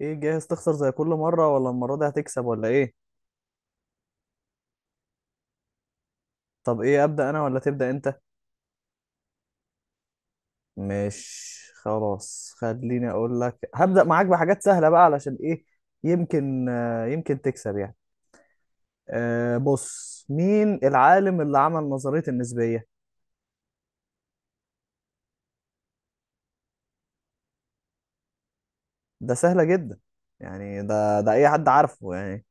ايه، جاهز تخسر زي كل مرة، ولا المرة دي هتكسب ولا ايه؟ طب ايه، ابدأ انا ولا تبدأ انت؟ مش خلاص، خليني اقول لك. هبدأ معاك بحاجات سهلة بقى، علشان ايه؟ يمكن يمكن تكسب يعني. بص، مين العالم اللي عمل نظرية النسبية؟ ده سهلة جدا، يعني ده اي حد عارفه يعني.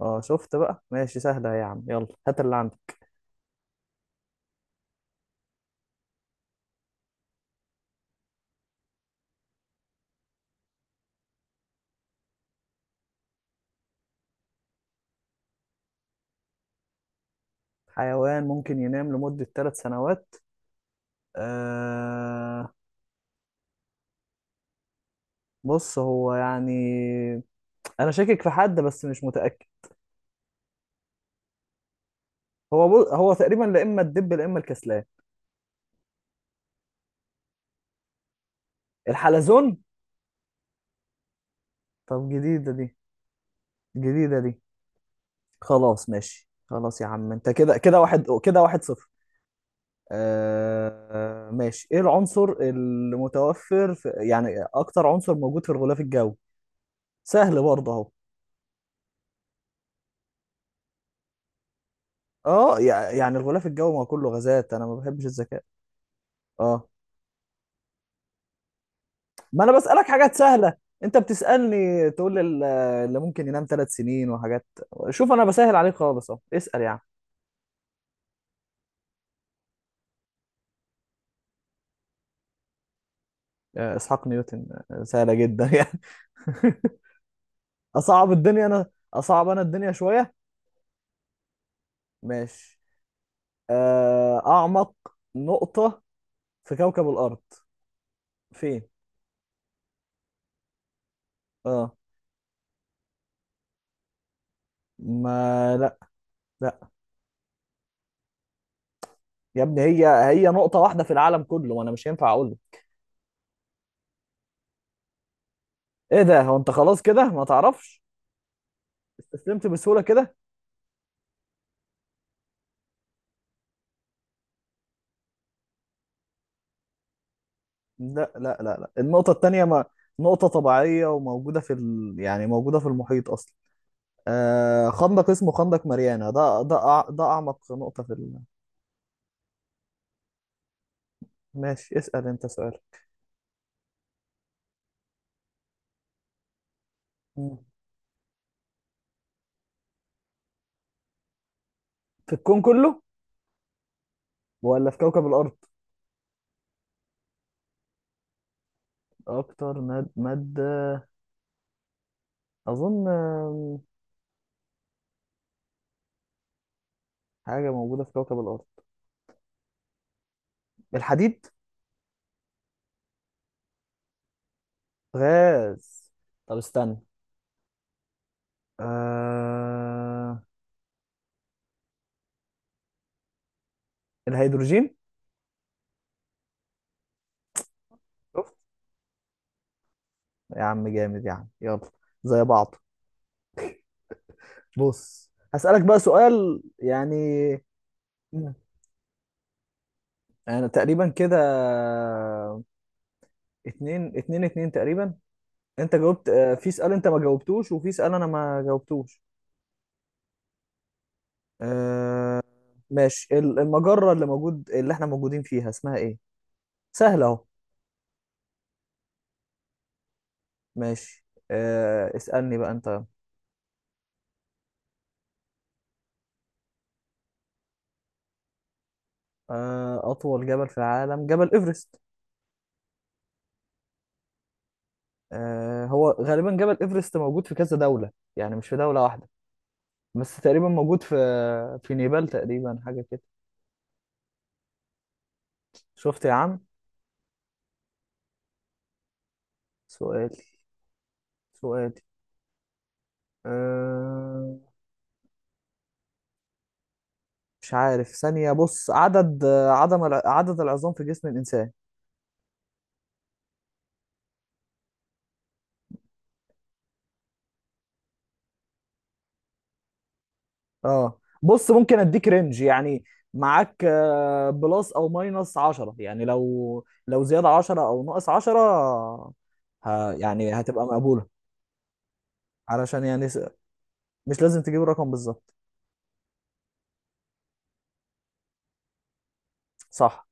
اه شفت بقى، ماشي سهلة يا عم، يلا هات اللي عندك. حيوان ممكن ينام لمدة ثلاث سنوات. أه، بص هو يعني، انا شاكك في حد بس مش متاكد. هو تقريبا لا اما الدب لا اما الكسلان. الحلزون؟ طب جديده دي، جديده دي. خلاص ماشي، خلاص يا عم، انت كده كده واحد، كده واحد صفر. ماشي، ايه العنصر يعني اكتر عنصر موجود في الغلاف الجوي؟ سهل برضه اهو. اه، يعني الغلاف الجوي ما هو كله غازات. انا ما بحبش الذكاء. اه، ما انا بسألك حاجات سهلة. انت بتسألني تقول لي اللي ممكن ينام ثلاث سنين وحاجات. شوف، انا بسهل عليك خالص اهو، اسأل يعني. اسحاق نيوتن، سهلة جدا يعني. اصعب الدنيا انا، اصعب انا الدنيا شوية. ماشي. اعمق نقطة في كوكب الارض، فين؟ اه، ما لا. لا. يا ابني، هي نقطة واحدة في العالم كله، وانا مش هينفع اقول. ايه ده؟ هو انت خلاص كده ما تعرفش، استسلمت بسهولة كده. لا لا لا لا، النقطة التانية، ما نقطة طبيعية وموجودة يعني موجودة في المحيط أصلا. آه، خندق، اسمه خندق ماريانا. ده ده أعمق نقطة. ماشي، اسأل أنت سؤال. مم. في الكون كله ولا في كوكب الأرض؟ أكتر مادة، أظن حاجة موجودة في كوكب الأرض. الحديد. غاز. طب استنى. آه... الهيدروجين. شفت يا عم، جامد يا عم يلا، زي بعض. بص هسألك بقى سؤال يعني. مم. انا تقريبا كده اتنين اتنين اتنين تقريبا. انت جاوبت، في سؤال انت ما جاوبتوش وفي سؤال انا ما جاوبتوش. آه، ماشي، المجرة اللي احنا موجودين فيها اسمها ايه؟ سهلة اهو. ماشي. اسألني بقى انت. اطول جبل في العالم، جبل ايفرست. هو غالبا جبل ايفرست موجود في كذا دولة، يعني مش في دولة واحدة. بس تقريبا موجود في نيبال تقريبا، حاجة كده. شفت يا عم. سؤالي، سؤالي. أه... مش عارف ثانية. بص عدد عدد العظام في جسم الإنسان. اه بص، ممكن اديك رينج يعني. معاك بلس او ماينس 10، يعني لو زيادة 10 او ناقص 10. يعني هتبقى مقبولة. علشان يعني مش لازم تجيب الرقم بالظبط. صح،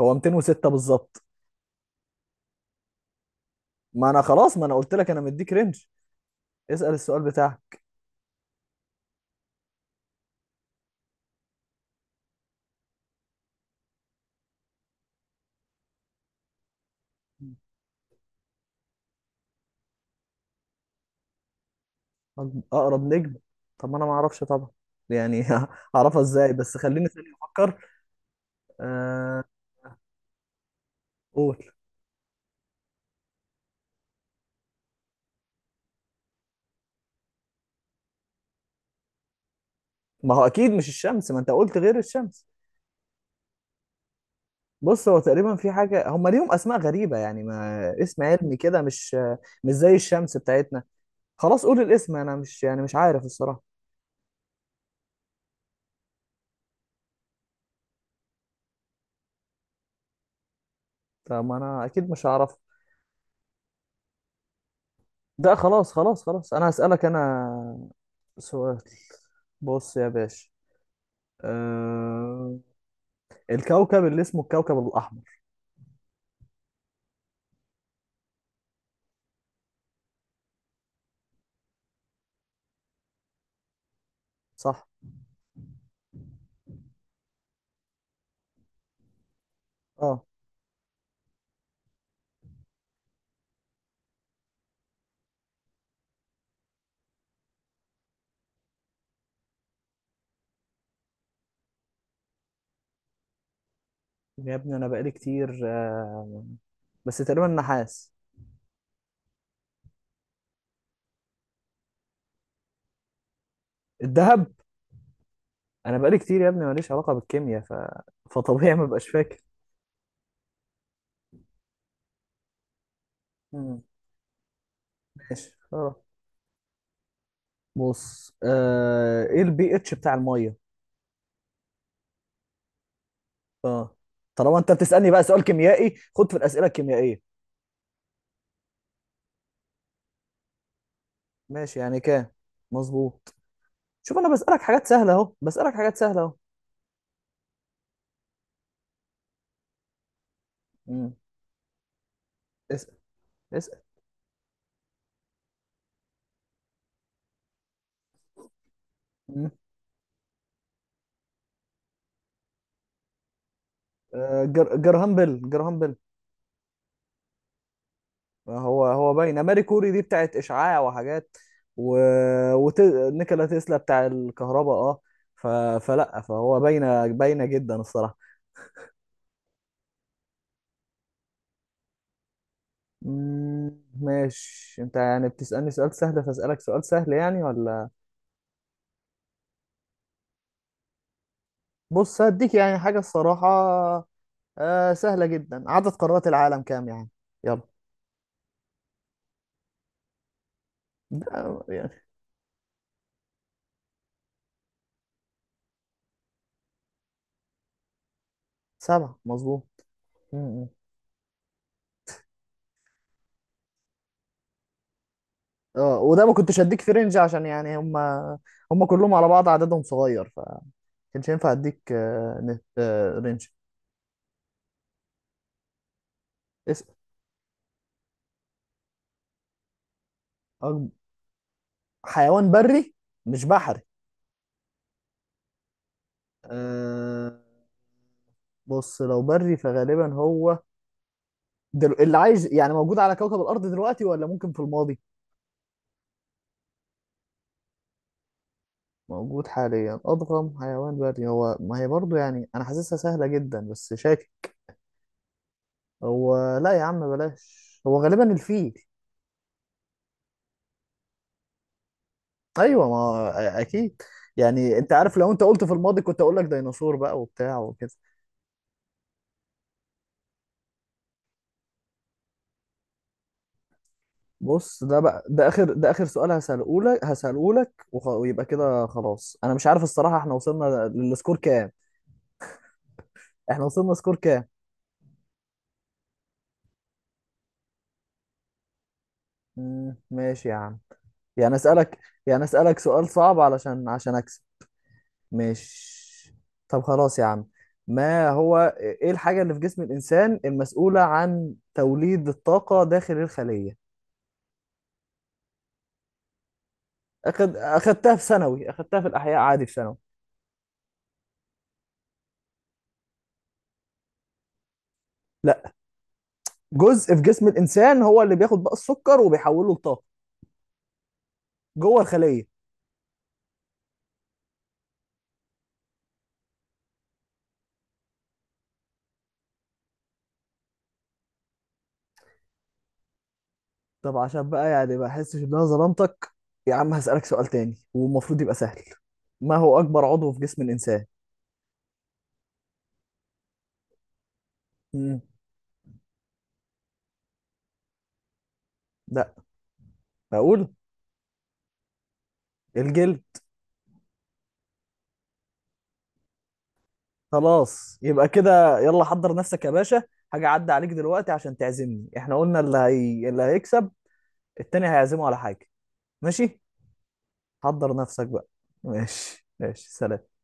هو 206 بالظبط. ما انا خلاص، ما انا قلت لك انا مديك رينج. اسأل السؤال بتاعك. طب اقرب نجم، طب ما انا ما اعرفش طبعا يعني. اعرفها ازاي؟ بس خليني ثاني افكر. آه. قول. ما هو اكيد مش الشمس، ما انت قلت غير الشمس. بص هو تقريبا في حاجه، هم ليهم اسماء غريبه يعني، ما اسم علمي كده، مش زي الشمس بتاعتنا. خلاص قول الاسم، انا مش يعني مش عارف الصراحه. طب ما انا اكيد مش هعرف. ده خلاص خلاص خلاص، انا هسألك انا سؤال. بص يا باشا، آه الكوكب اللي اسمه الكوكب الاحمر. صح. اه يا ابني، انا بقالي كتير، بس تقريبا نحاس. الذهب. انا بقالي كتير يا ابني، ماليش علاقه بالكيمياء، فطبيعي ما بقاش فاكر. مم. ماشي اه. بص ايه البي اتش بتاع الميه؟ اه، طالما انت بتسالني بقى سؤال كيميائي، خد في الاسئله الكيميائيه. ماشي، يعني كام؟ مظبوط. شوف انا بسالك حاجات سهله اهو، بسالك حاجات سهله اهو. مم. اسال، اسال. مم. جرهام بيل، جرهام بيل. هو باينه ماري كوري دي بتاعت اشعاع وحاجات، و... وت... نيكولا تسلا بتاع الكهرباء اه. ف... فلا، فهو باينه باينه جدا الصراحه. ماشي، انت يعني بتسالني سؤال سهل، فاسالك سؤال سهل يعني ولا؟ بص هديك يعني حاجه الصراحه، سهله جدا. عدد قارات العالم كام يعني؟ يلا. ده يعني. سبعه، مظبوط. مم. اه، وده ما كنتش هديك في رينج، عشان يعني هم كلهم على بعض عددهم صغير. كانش ينفع اديك آه، نت آه، رينج. اسأل. أكب- حيوان بري مش بحري؟ أه بص، لو بري فغالبا هو، اللي عايش يعني موجود على كوكب الأرض دلوقتي ولا ممكن في الماضي. موجود حاليا، أضخم حيوان بري هو، ما هي برضو يعني، أنا حاسسها سهلة جدا بس شاكك. هو لا يا عم بلاش، هو غالبا الفيل. أيوة، ما أكيد. يعني أنت عارف، لو أنت قلت في الماضي كنت أقول لك ديناصور بقى وبتاع وكده. بص، ده بقى ده اخر سؤال هساله لك، ويبقى كده خلاص. انا مش عارف الصراحه، احنا وصلنا للسكور كام؟ احنا وصلنا سكور كام؟ ماشي يا عم. يعني اسالك يعني اسالك سؤال صعب، علشان اكسب. ماشي. طب خلاص يا عم، ما هو ايه الحاجه اللي في جسم الانسان المسؤوله عن توليد الطاقه داخل الخليه؟ اخدتها في ثانوي، اخدتها في الاحياء عادي في ثانوي. لا، جزء في جسم الانسان هو اللي بياخد بقى السكر وبيحوله لطاقه، جوه الخليه. طب عشان بقى يعني ما احسش ان انا ظلمتك، يا عم هسألك سؤال تاني والمفروض يبقى سهل. ما هو اكبر عضو في جسم الانسان؟ مم. لا، اقول. الجلد. خلاص يبقى كده، يلا حضر نفسك يا باشا، حاجة عدى عليك دلوقتي عشان تعزمني. احنا قلنا اللي هيكسب التاني هيعزمه على حاجة. ماشي. حضر نفسك بقى. ماشي ماشي، سلام.